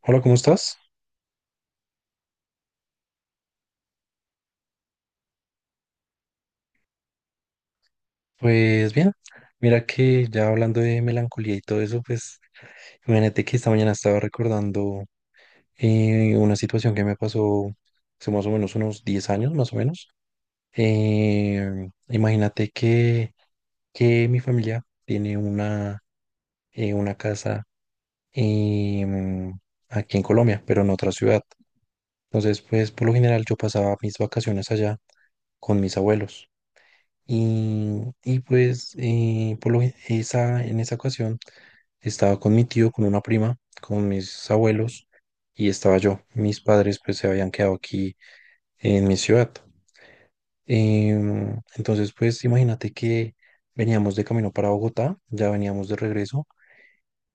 Hola, ¿cómo estás? Pues bien, mira que ya hablando de melancolía y todo eso, pues imagínate que esta mañana estaba recordando una situación que me pasó hace más o menos unos 10 años, más o menos. Eh, Imagínate que mi familia tiene una casa em, aquí en Colombia, pero en otra ciudad. Entonces, pues por lo general yo pasaba mis vacaciones allá con mis abuelos. Y pues por en esa ocasión estaba con mi tío, con una prima, con mis abuelos y estaba yo. Mis padres pues se habían quedado aquí en mi ciudad. Entonces pues imagínate que veníamos de camino para Bogotá, ya veníamos de regreso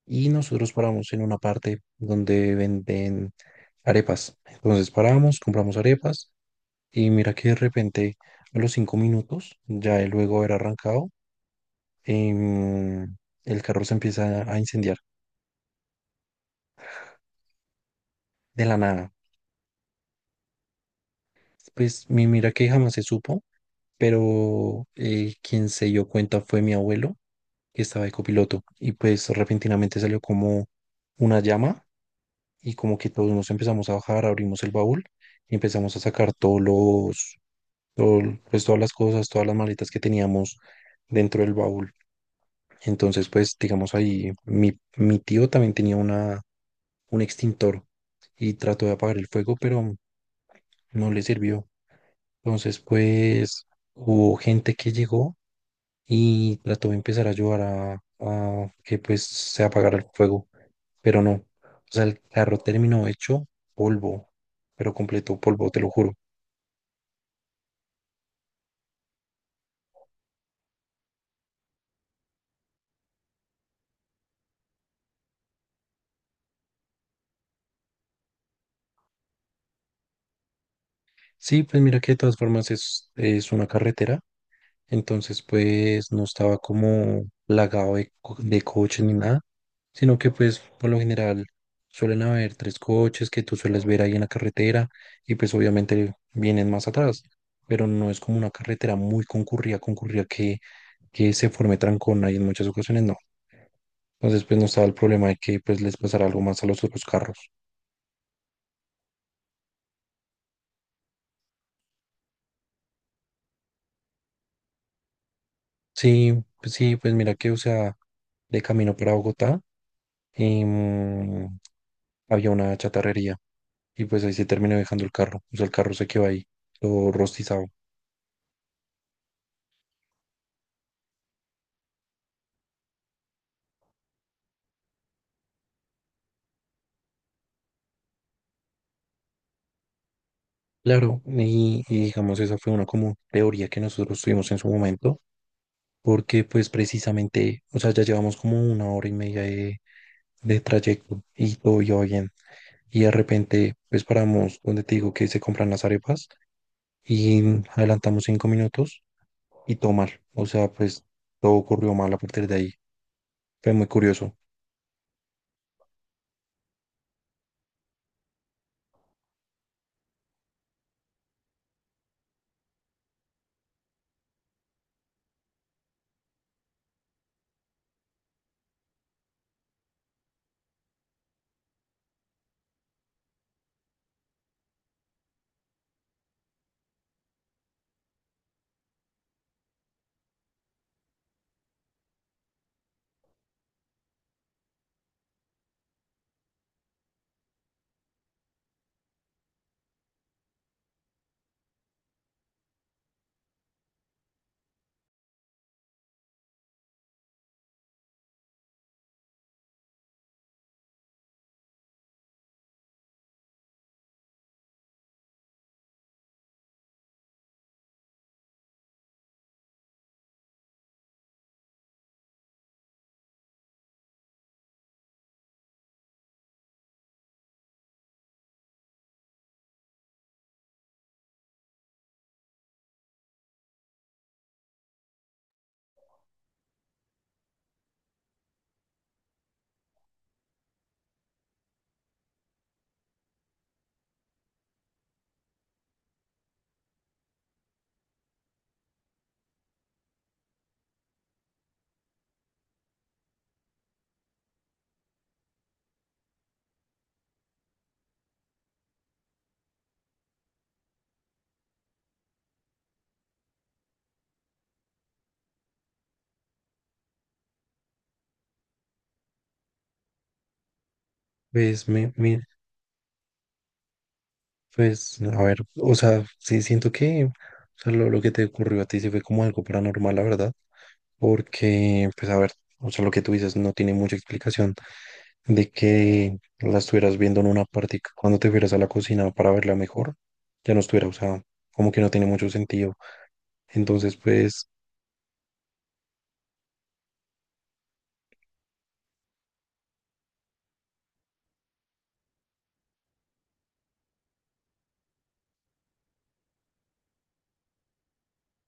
y nosotros paramos en una parte donde venden arepas. Entonces paramos, compramos arepas y mira que de repente a los 5 minutos, ya el luego haber arrancado, em, el carro se empieza a incendiar de la nada. Pues mi mira que jamás se supo, pero quien se dio cuenta fue mi abuelo, que estaba de copiloto, y pues repentinamente salió como una llama y como que todos nos empezamos a bajar, abrimos el baúl y empezamos a sacar todo- pues todas las cosas, todas las maletas que teníamos dentro del baúl. Entonces, pues digamos ahí, mi tío también tenía una un extintor y trató de apagar el fuego, pero no le sirvió. Entonces, pues hubo gente que llegó y trató de empezar a ayudar a que pues se apagara el fuego, pero no. O sea, el carro terminó hecho polvo, pero completo polvo, te lo juro. Sí, pues mira que de todas formas es una carretera. Entonces, pues no estaba como plagado de coches ni nada, sino que pues por lo general suelen haber tres coches que tú sueles ver ahí en la carretera y pues obviamente vienen más atrás, pero no es como una carretera muy concurrida, concurrida que se forme trancón ahí en muchas ocasiones, no. Entonces, pues no estaba el problema de que pues les pasara algo más a los otros carros. Sí, pues mira que, o sea, de camino para Bogotá, em, había una chatarrería y pues ahí se terminó dejando el carro. O sea, el carro se quedó ahí, todo rostizado. Claro, y digamos, esa fue una como teoría que nosotros tuvimos en su momento, porque pues precisamente, o sea, ya llevamos como una hora y media de trayecto y todo iba bien. Y de repente, pues paramos donde te digo que se compran las arepas y adelantamos 5 minutos y todo mal. O sea, pues todo ocurrió mal a partir de ahí. Fue muy curioso. Pues me, me, Pues, a ver, o sea, sí siento que o sea, lo que te ocurrió a ti sí fue como algo paranormal, la verdad, porque, pues, a ver, o sea, lo que tú dices no tiene mucha explicación de que la estuvieras viendo en una parte y que cuando te fueras a la cocina para verla mejor, ya no estuviera, o sea, como que no tiene mucho sentido. Entonces, pues,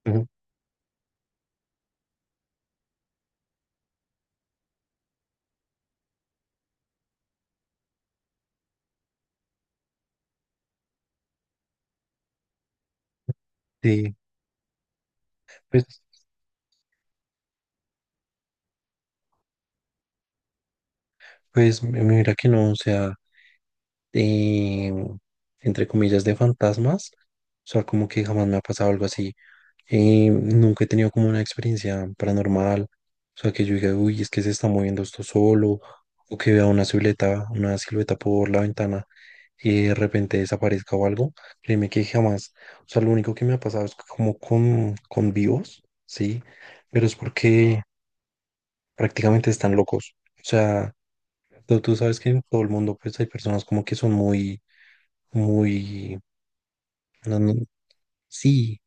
ujú, sí, pues, pues, mira que no, o sea. eh, Entre comillas, de fantasmas. O sea, como que jamás me ha pasado algo así. Nunca he tenido como una experiencia paranormal. O sea, que yo diga, uy, es que se está moviendo esto solo. O que vea una silueta por la ventana y de repente desaparezca o algo. Créeme que jamás. O sea, lo único que me ha pasado es como con vivos, ¿sí? Pero es porque prácticamente están locos. O sea, tú sabes que en todo el mundo pues hay personas como que son muy... no, no, sí,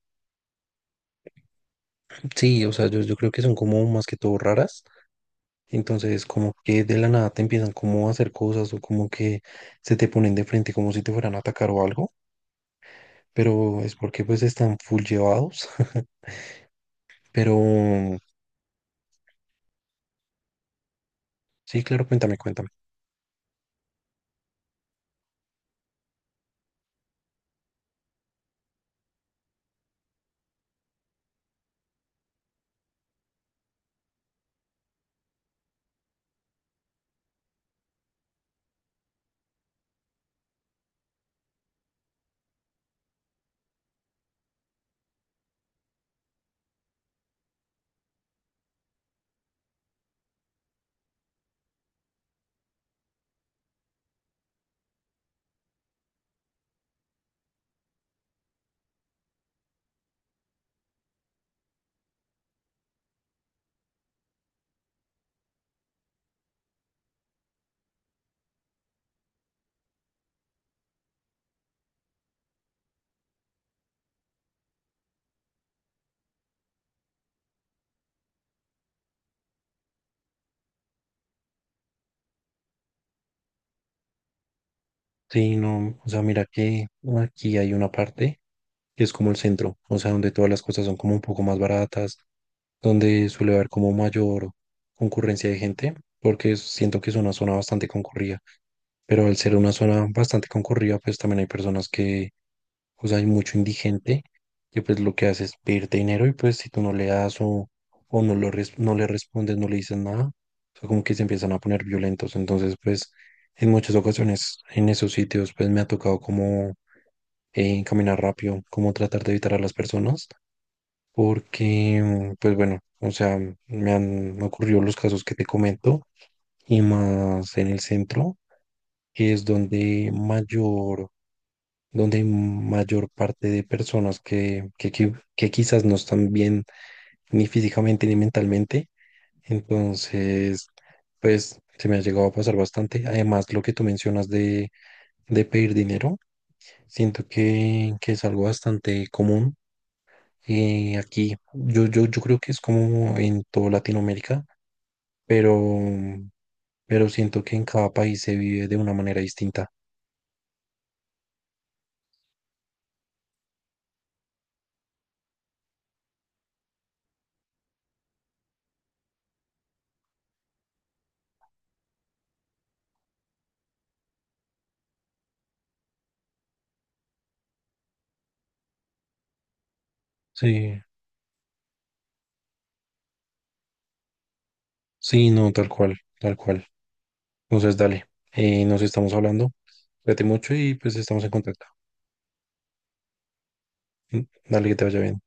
sí, o sea, yo creo que son como más que todo raras. Entonces, como que de la nada te empiezan como a hacer cosas o como que se te ponen de frente como si te fueran a atacar o algo. Pero es porque pues están full llevados. Pero sí, claro, cuéntame, cuéntame. Sí, no, o sea, mira que aquí hay una parte que es como el centro, o sea, donde todas las cosas son como un poco más baratas, donde suele haber como mayor concurrencia de gente, porque siento que es una zona bastante concurrida, pero al ser una zona bastante concurrida, pues también hay pues hay mucho indigente, que pues lo que hace es pedirte dinero y pues si tú no le das o no, lo res- no le respondes, no le dices nada, o sea, como que se empiezan a poner violentos, entonces pues en muchas ocasiones en esos sitios pues me ha tocado como caminar rápido, como tratar de evitar a las personas porque, pues bueno, o sea, me han me ocurrido los casos que te comento y más en el centro, que es donde mayor, donde hay mayor parte de personas que quizás no están bien ni físicamente ni mentalmente. Entonces, pues se me ha llegado a pasar bastante. Además, lo que tú mencionas de pedir dinero, siento que es algo bastante común. Aquí, yo creo que es como en toda Latinoamérica, pero, pero siento que en cada país se vive de una manera distinta. Sí, sí, no, tal cual, tal cual. Entonces, dale, nos estamos hablando, cuídate mucho y pues estamos en contacto. Mm, dale, que te vaya bien.